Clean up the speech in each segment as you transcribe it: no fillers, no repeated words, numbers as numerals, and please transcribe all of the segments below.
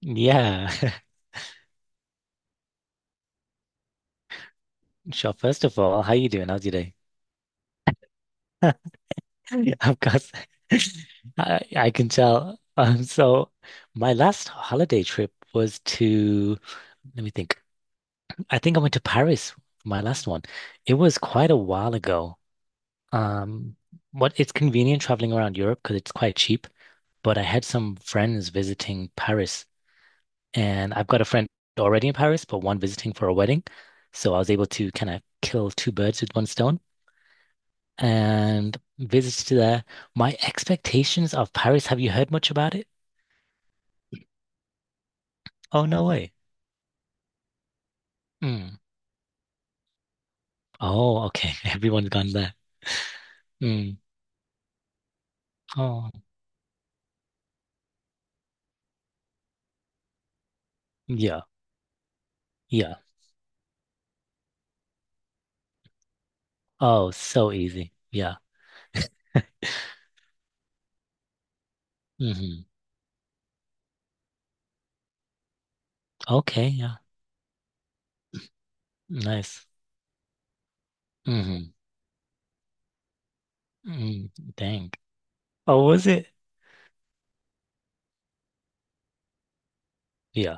Yeah. Sure. First of all, how you doing? How's your day? Yeah, of course. I can tell. So my last holiday trip was to, let me think. I think I went to Paris, my last one. It was quite a while ago. Um, what it's convenient traveling around Europe because it's quite cheap, but I had some friends visiting Paris and I've got a friend already in Paris, but one visiting for a wedding. So I was able to kind of kill two birds with one stone, and visits to there. My expectations of Paris, have you heard much about it? Oh, no way. Mm. Oh, okay. Everyone's gone there. Mm. Oh, yeah, yeah. Oh, so easy. Yeah. Hmm. Okay, yeah. Nice. Hmm. Mm. Dang. Oh, was it? Yeah.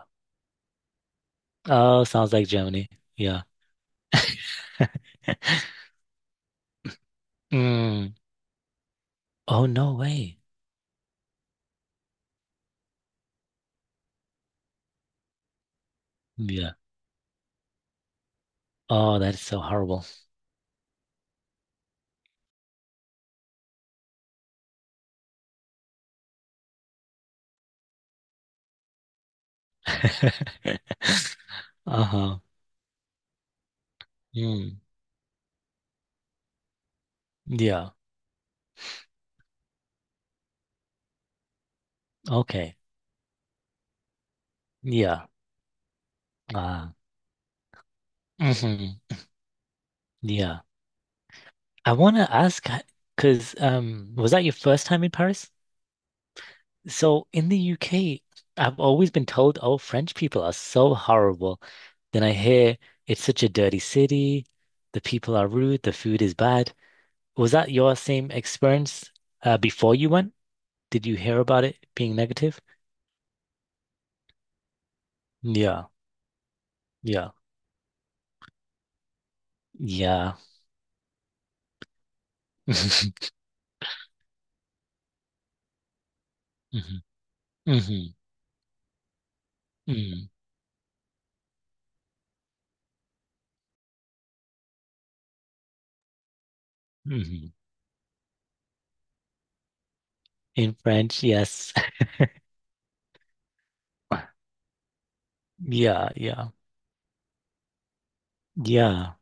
Oh, sounds like Germany. Yeah. Mm. Oh, no way. Yeah. Oh, that is so horrible. Uh-huh. Mm. Yeah. Okay. Yeah. Uh, mhm. Yeah. I want to ask because was that your first time in Paris? So in the UK, I've always been told, oh, French people are so horrible. Then I hear it's such a dirty city, the people are rude, the food is bad. Was that your same experience before you went? Did you hear about it being negative? Yeah. Yeah. Yeah. Hmm. Hmm. Hmm. Hmm. In French, yes. Yeah, yeah, yeah.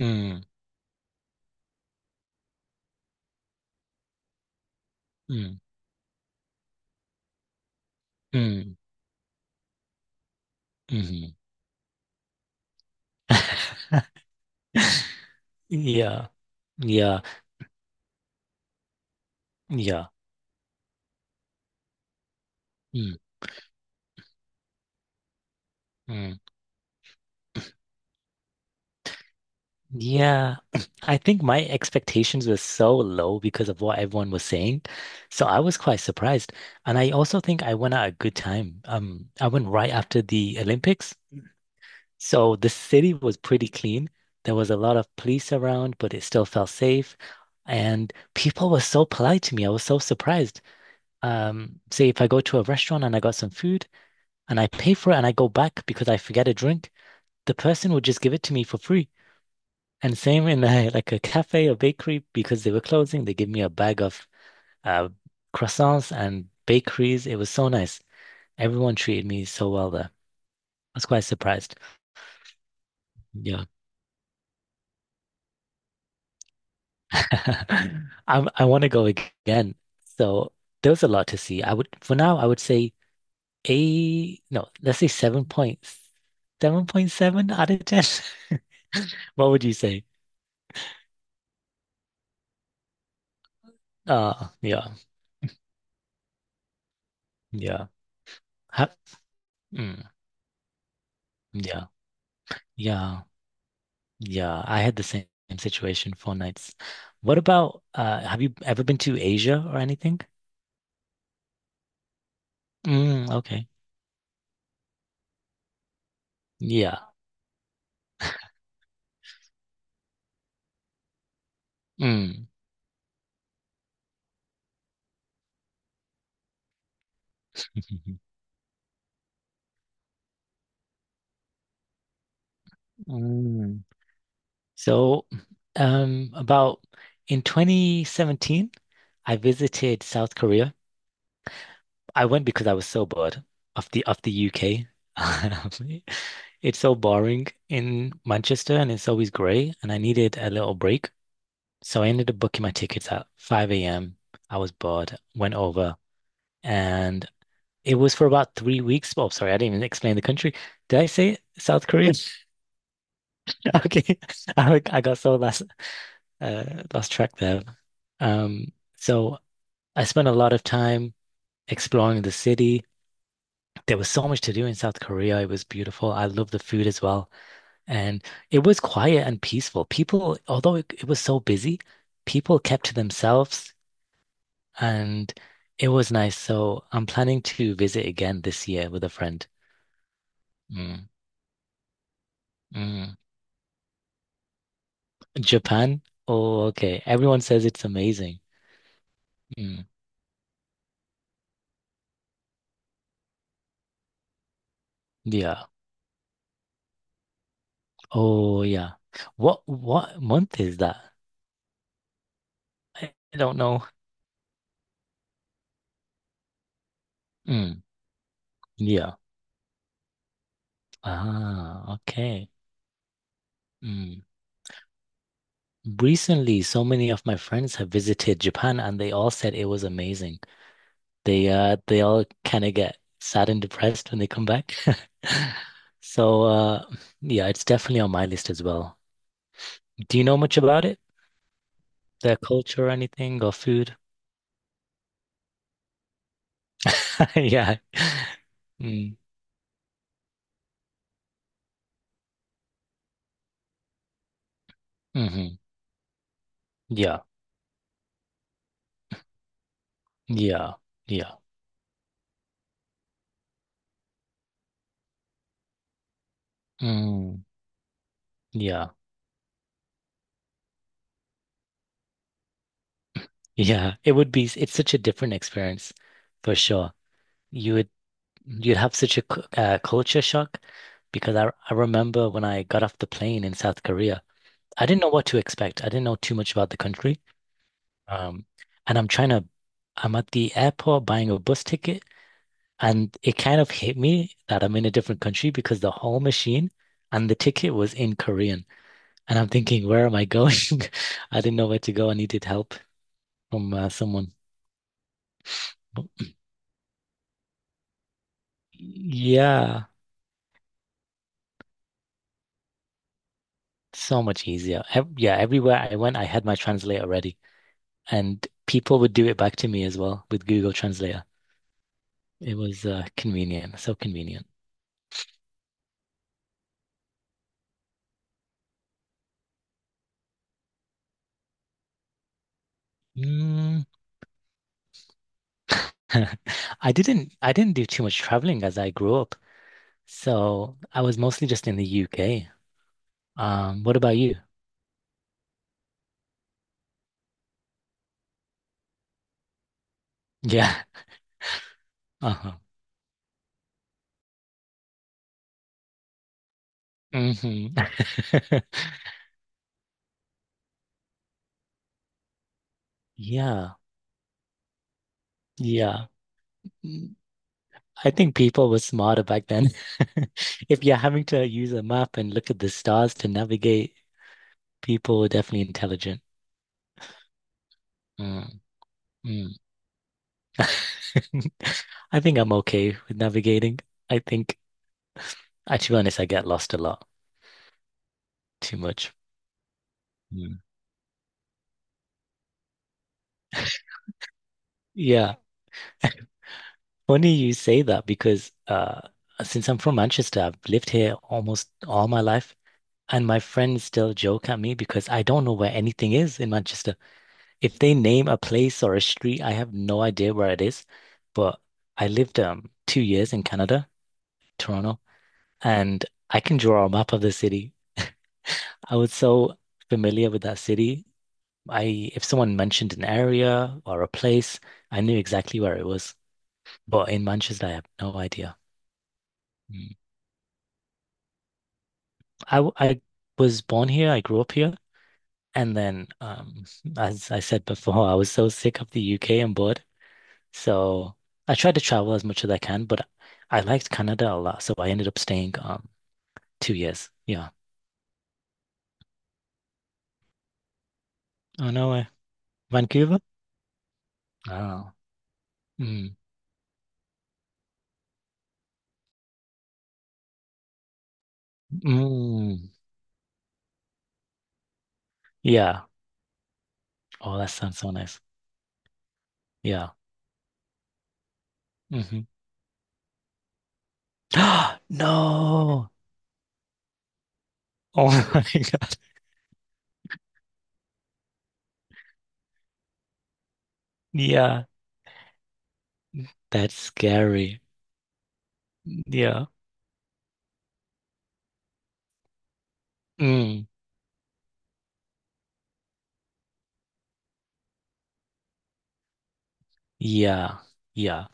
Mm, mm, mm. Hmm. Yeah, yeah, yeah. Mm, mm. Yeah, I think my expectations were so low because of what everyone was saying. So I was quite surprised. And I also think I went at a good time. I went right after the Olympics. So the city was pretty clean. There was a lot of police around, but it still felt safe. And people were so polite to me. I was so surprised. Say if I go to a restaurant and I got some food and I pay for it and I go back because I forget a drink, the person will just give it to me for free. And same in like a cafe or bakery because they were closing, they give me a bag of uh, croissants and bakeries. It was so nice. Everyone treated me so well there. I was quite surprised. Yeah. i I want to go again. So there was a lot to see. I would, for now, I would say eight, no, let's say 7.7 point seven out of 10. What would you say? Yeah, yeah. Ha. Mm, yeah, yeah, yeah. I had the same situation, 4 nights. What about, have you ever been to Asia or anything? Mm, okay. Yeah. Mm. Mm. So, about in 2017, I visited South Korea. I went because I was so bored of the UK. It's so boring in Manchester and it's always grey and I needed a little break. So I ended up booking my tickets at 5 a.m. I was bored, went over, and it was for about 3 weeks. Oh, sorry, I didn't even explain the country. Did I say South Korea? Okay. I got so uh lost track there. So I spent a lot of time exploring the city. There was so much to do in South Korea. It was beautiful. I love the food as well. And it was quiet and peaceful. People, although it was so busy, people kept to themselves and it was nice. So I'm planning to visit again this year with a friend. Mm, mm. Japan? Oh, okay. Everyone says it's amazing. Mm, yeah. Oh, yeah. What month is that? I don't know. Mm, yeah. Ah, okay. Mm. Recently, so many of my friends have visited Japan and they all said it was amazing. They all kind of get sad and depressed when they come back. So yeah, it's definitely on my list as well. Do you know much about it? Their culture or anything or food? Yeah. Mm. Hmm. Yeah. Yeah. Yeah. Mm. Yeah. Yeah. It would be it's such a different experience for sure. You would You'd have such a culture shock because I remember when I got off the plane in South Korea, I didn't know what to expect. I didn't know too much about the country. Um, and I'm I'm at the airport buying a bus ticket, and it kind of hit me that I'm in a different country because the whole machine and the ticket was in Korean. And I'm thinking, where am I going? I didn't know where to go. I needed help from someone. Yeah, so much easier. Ev yeah, everywhere I went, I had my translator ready. And people would do it back to me as well with Google Translator. It was convenient, so convenient. Mm. I didn't do too much traveling as I grew up, so I was mostly just in the UK. What about you? Yeah. Uh-huh. Hmm. Yeah. Yeah. Mm, I think people were smarter back then. If you're having to use a map and look at the stars to navigate, people were definitely intelligent. Mm, mm. I think I'm okay with navigating. I think, to be honest, I get lost a lot too much. Yeah. Yeah, funny you say that because since I'm from Manchester, I've lived here almost all my life, and my friends still joke at me because I don't know where anything is in Manchester. If they name a place or a street, I have no idea where it is. But I lived 2 years in Canada, Toronto, and I can draw a map of the city. I was so familiar with that city. I if someone mentioned an area or a place, I knew exactly where it was. But in Manchester, I have no idea. Mm. I was born here. I grew up here, and then as I said before, I was so sick of the UK and bored. So I tried to travel as much as I can, but I liked Canada a lot, so I ended up staying 2 years. Yeah. Oh no way. Vancouver? Oh. Mm. Mm. Yeah. Oh, that sounds so nice. Yeah. Mm-hmm. No. Oh my God. Yeah, that's scary. Yeah. Mm. Yeah. Yeah.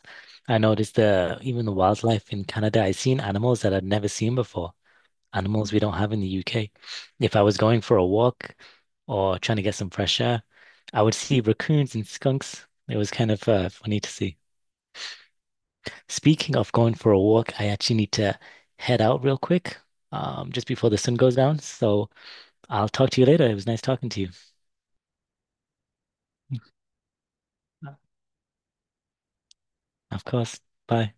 I noticed the even the wildlife in Canada, I've seen animals that I've never seen before. Animals we don't have in the UK. If I was going for a walk or trying to get some fresh air, I would see raccoons and skunks. It was kind of funny to see. Speaking of going for a walk, I actually need to head out real quick, just before the sun goes down. So I'll talk to you later. It was nice talking to you. Of course. Bye.